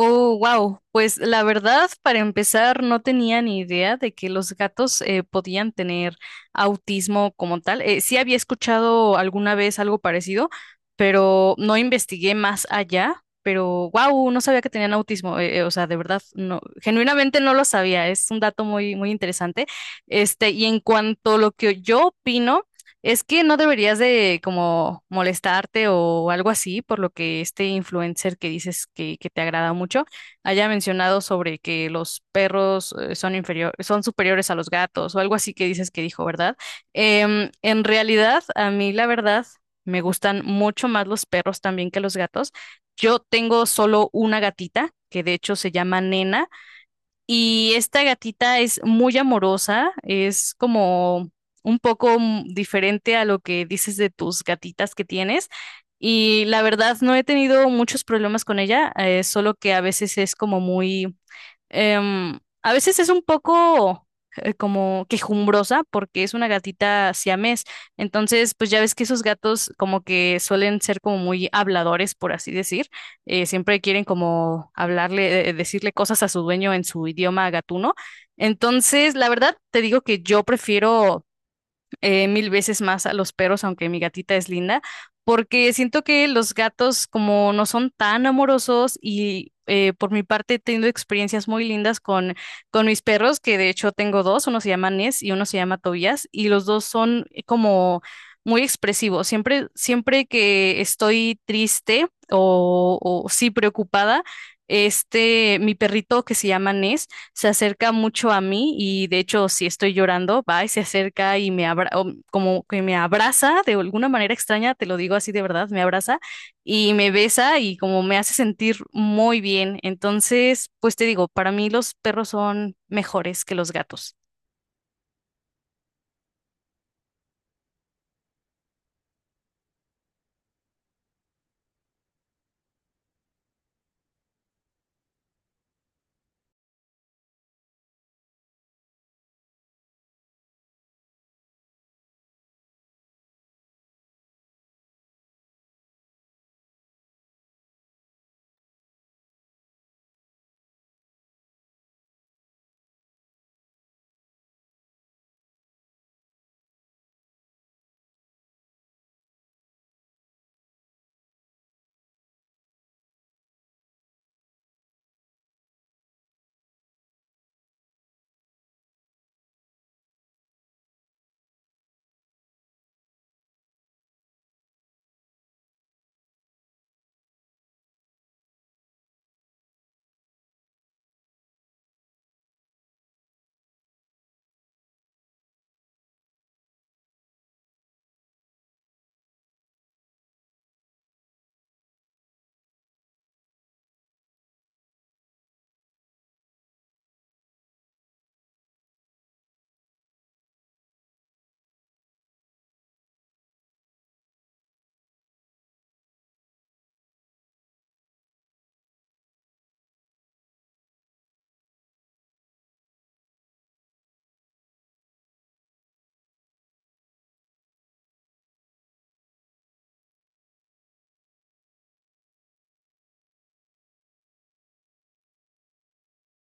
Oh, wow. Pues la verdad, para empezar, no tenía ni idea de que los gatos podían tener autismo como tal. Sí había escuchado alguna vez algo parecido, pero no investigué más allá. Pero wow, no sabía que tenían autismo. O sea, de verdad, no, genuinamente no lo sabía. Es un dato muy, muy interesante. Y en cuanto a lo que yo opino. Es que no deberías de como molestarte o algo así, por lo que este influencer que dices que te agrada mucho haya mencionado sobre que los perros son superiores a los gatos o algo así que dices que dijo, ¿verdad? En realidad, a mí la verdad me gustan mucho más los perros también que los gatos. Yo tengo solo una gatita que de hecho se llama Nena. Y esta gatita es muy amorosa, es como un poco diferente a lo que dices de tus gatitas que tienes. Y la verdad no he tenido muchos problemas con ella, solo que a veces es como muy a veces es un poco como quejumbrosa porque es una gatita siamés. Entonces, pues ya ves que esos gatos como que suelen ser como muy habladores, por así decir. Siempre quieren como hablarle, decirle cosas a su dueño en su idioma gatuno. Entonces, la verdad, te digo que yo prefiero mil veces más a los perros, aunque mi gatita es linda, porque siento que los gatos como no son tan amorosos y por mi parte he tenido experiencias muy lindas con mis perros, que de hecho tengo dos, uno se llama Ness y uno se llama Tobías, y los dos son como muy expresivos. Siempre, siempre que estoy triste o sí preocupada, mi perrito que se llama Ness, se acerca mucho a mí y de hecho si estoy llorando, va y se acerca y me abra o como que me abraza de alguna manera extraña, te lo digo así de verdad, me abraza y me besa y como me hace sentir muy bien. Entonces, pues te digo, para mí los perros son mejores que los gatos.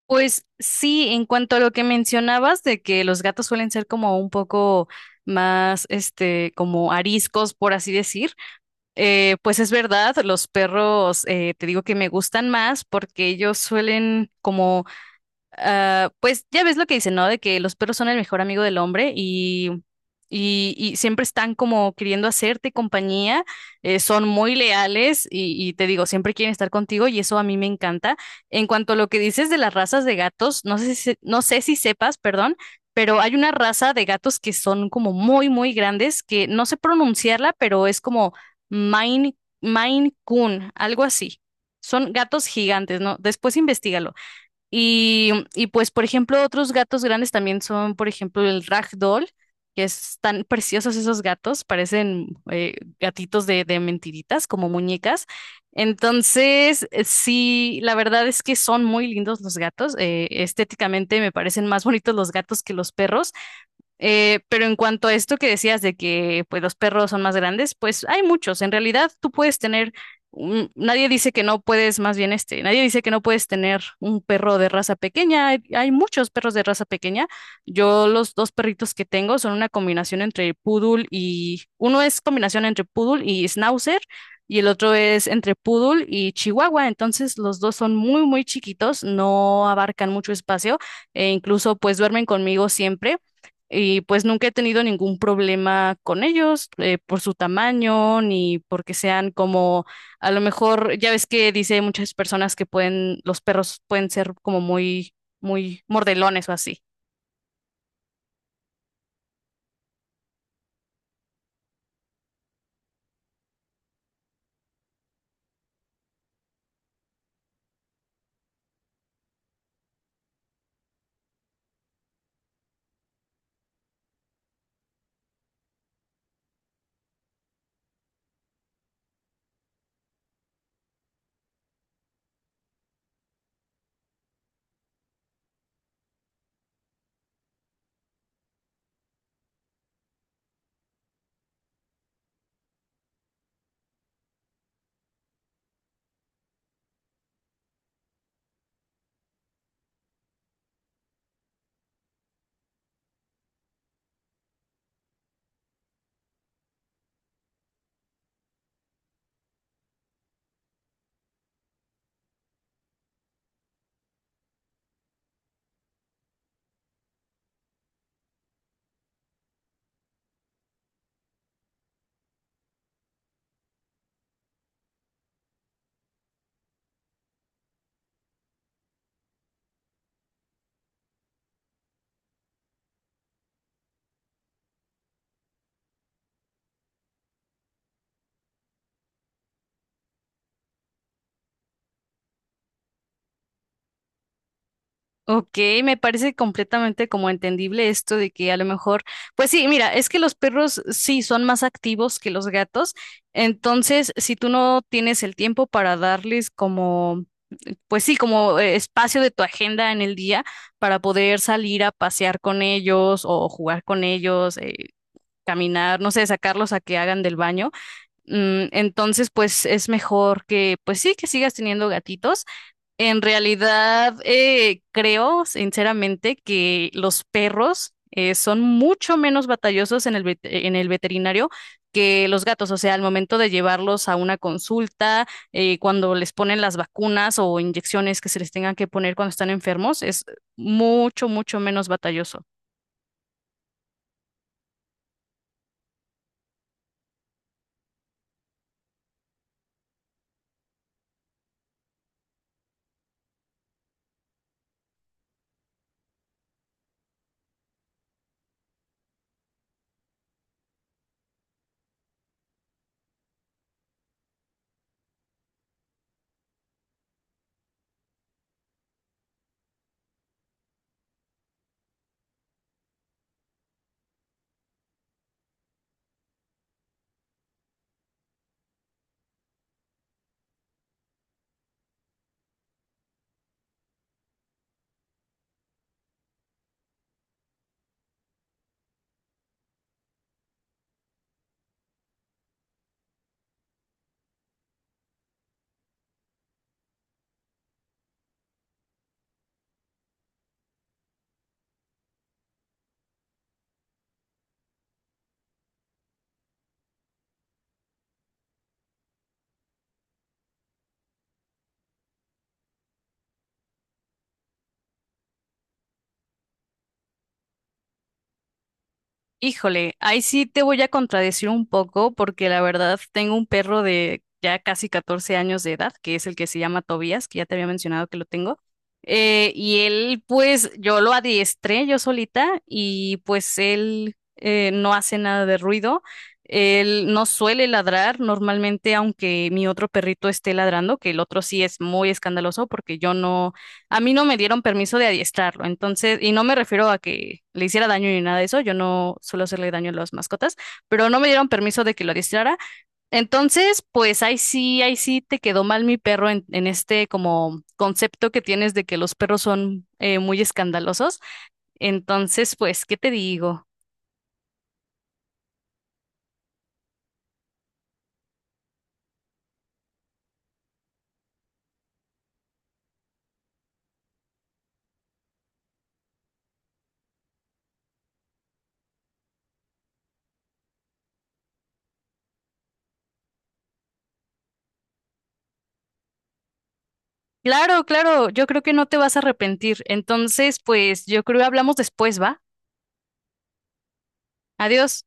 Pues sí, en cuanto a lo que mencionabas de que los gatos suelen ser como un poco más, como ariscos, por así decir. Pues es verdad, los perros te digo que me gustan más porque ellos suelen como Ah, pues ya ves lo que dicen, ¿no? De que los perros son el mejor amigo del hombre y siempre están como queriendo hacerte compañía, son muy leales y te digo, siempre quieren estar contigo y eso a mí me encanta. En cuanto a lo que dices de las razas de gatos, no sé si sepas, perdón, pero hay una raza de gatos que son como muy, muy grandes, que no sé pronunciarla, pero es como Maine Coon, algo así. Son gatos gigantes, ¿no? Después investígalo. Y pues, por ejemplo, otros gatos grandes también son, por ejemplo, el Ragdoll, que es tan preciosos esos gatos, parecen gatitos de mentiritas, como muñecas. Entonces, sí, la verdad es que son muy lindos los gatos. Estéticamente me parecen más bonitos los gatos que los perros. Pero en cuanto a esto que decías de que pues, los perros son más grandes, pues hay muchos. En realidad tú puedes tener, nadie dice que no puedes, más bien nadie dice que no puedes tener un perro de raza pequeña. Hay muchos perros de raza pequeña. Yo los dos perritos que tengo son una combinación entre poodle y, uno es combinación entre poodle y schnauzer y el otro es entre poodle y chihuahua. Entonces los dos son muy, muy chiquitos, no abarcan mucho espacio e incluso pues duermen conmigo siempre. Y pues nunca he tenido ningún problema con ellos por su tamaño ni porque sean como, a lo mejor, ya ves que dice muchas personas que los perros pueden ser como muy, muy mordelones o así. Ok, me parece completamente como entendible esto de que a lo mejor, pues sí, mira, es que los perros sí son más activos que los gatos, entonces si tú no tienes el tiempo para darles como pues sí, como espacio de tu agenda en el día para poder salir a pasear con ellos o jugar con ellos, caminar, no sé, sacarlos a que hagan del baño. Entonces, pues es mejor que, pues sí, que sigas teniendo gatitos. En realidad, creo sinceramente que los perros son mucho menos batallosos en el veterinario que los gatos. O sea, al momento de llevarlos a una consulta, cuando les ponen las vacunas o inyecciones que se les tengan que poner cuando están enfermos, es mucho, mucho menos batalloso. Híjole, ahí sí te voy a contradecir un poco porque la verdad tengo un perro de ya casi 14 años de edad, que es el que se llama Tobías, que ya te había mencionado que lo tengo. Y él, pues yo lo adiestré yo solita y pues él no hace nada de ruido. Él no suele ladrar normalmente, aunque mi otro perrito esté ladrando, que el otro sí es muy escandaloso porque yo no... A mí no me dieron permiso de adiestrarlo, entonces, y no me refiero a que le hiciera daño ni nada de eso, yo no suelo hacerle daño a las mascotas, pero no me dieron permiso de que lo adiestrara. Entonces, pues ahí sí te quedó mal mi perro en este como concepto que tienes de que los perros son muy escandalosos. Entonces, pues, ¿qué te digo? Claro, claro, yo creo que no te vas a arrepentir. Entonces, pues, yo creo que hablamos después, ¿va? Adiós.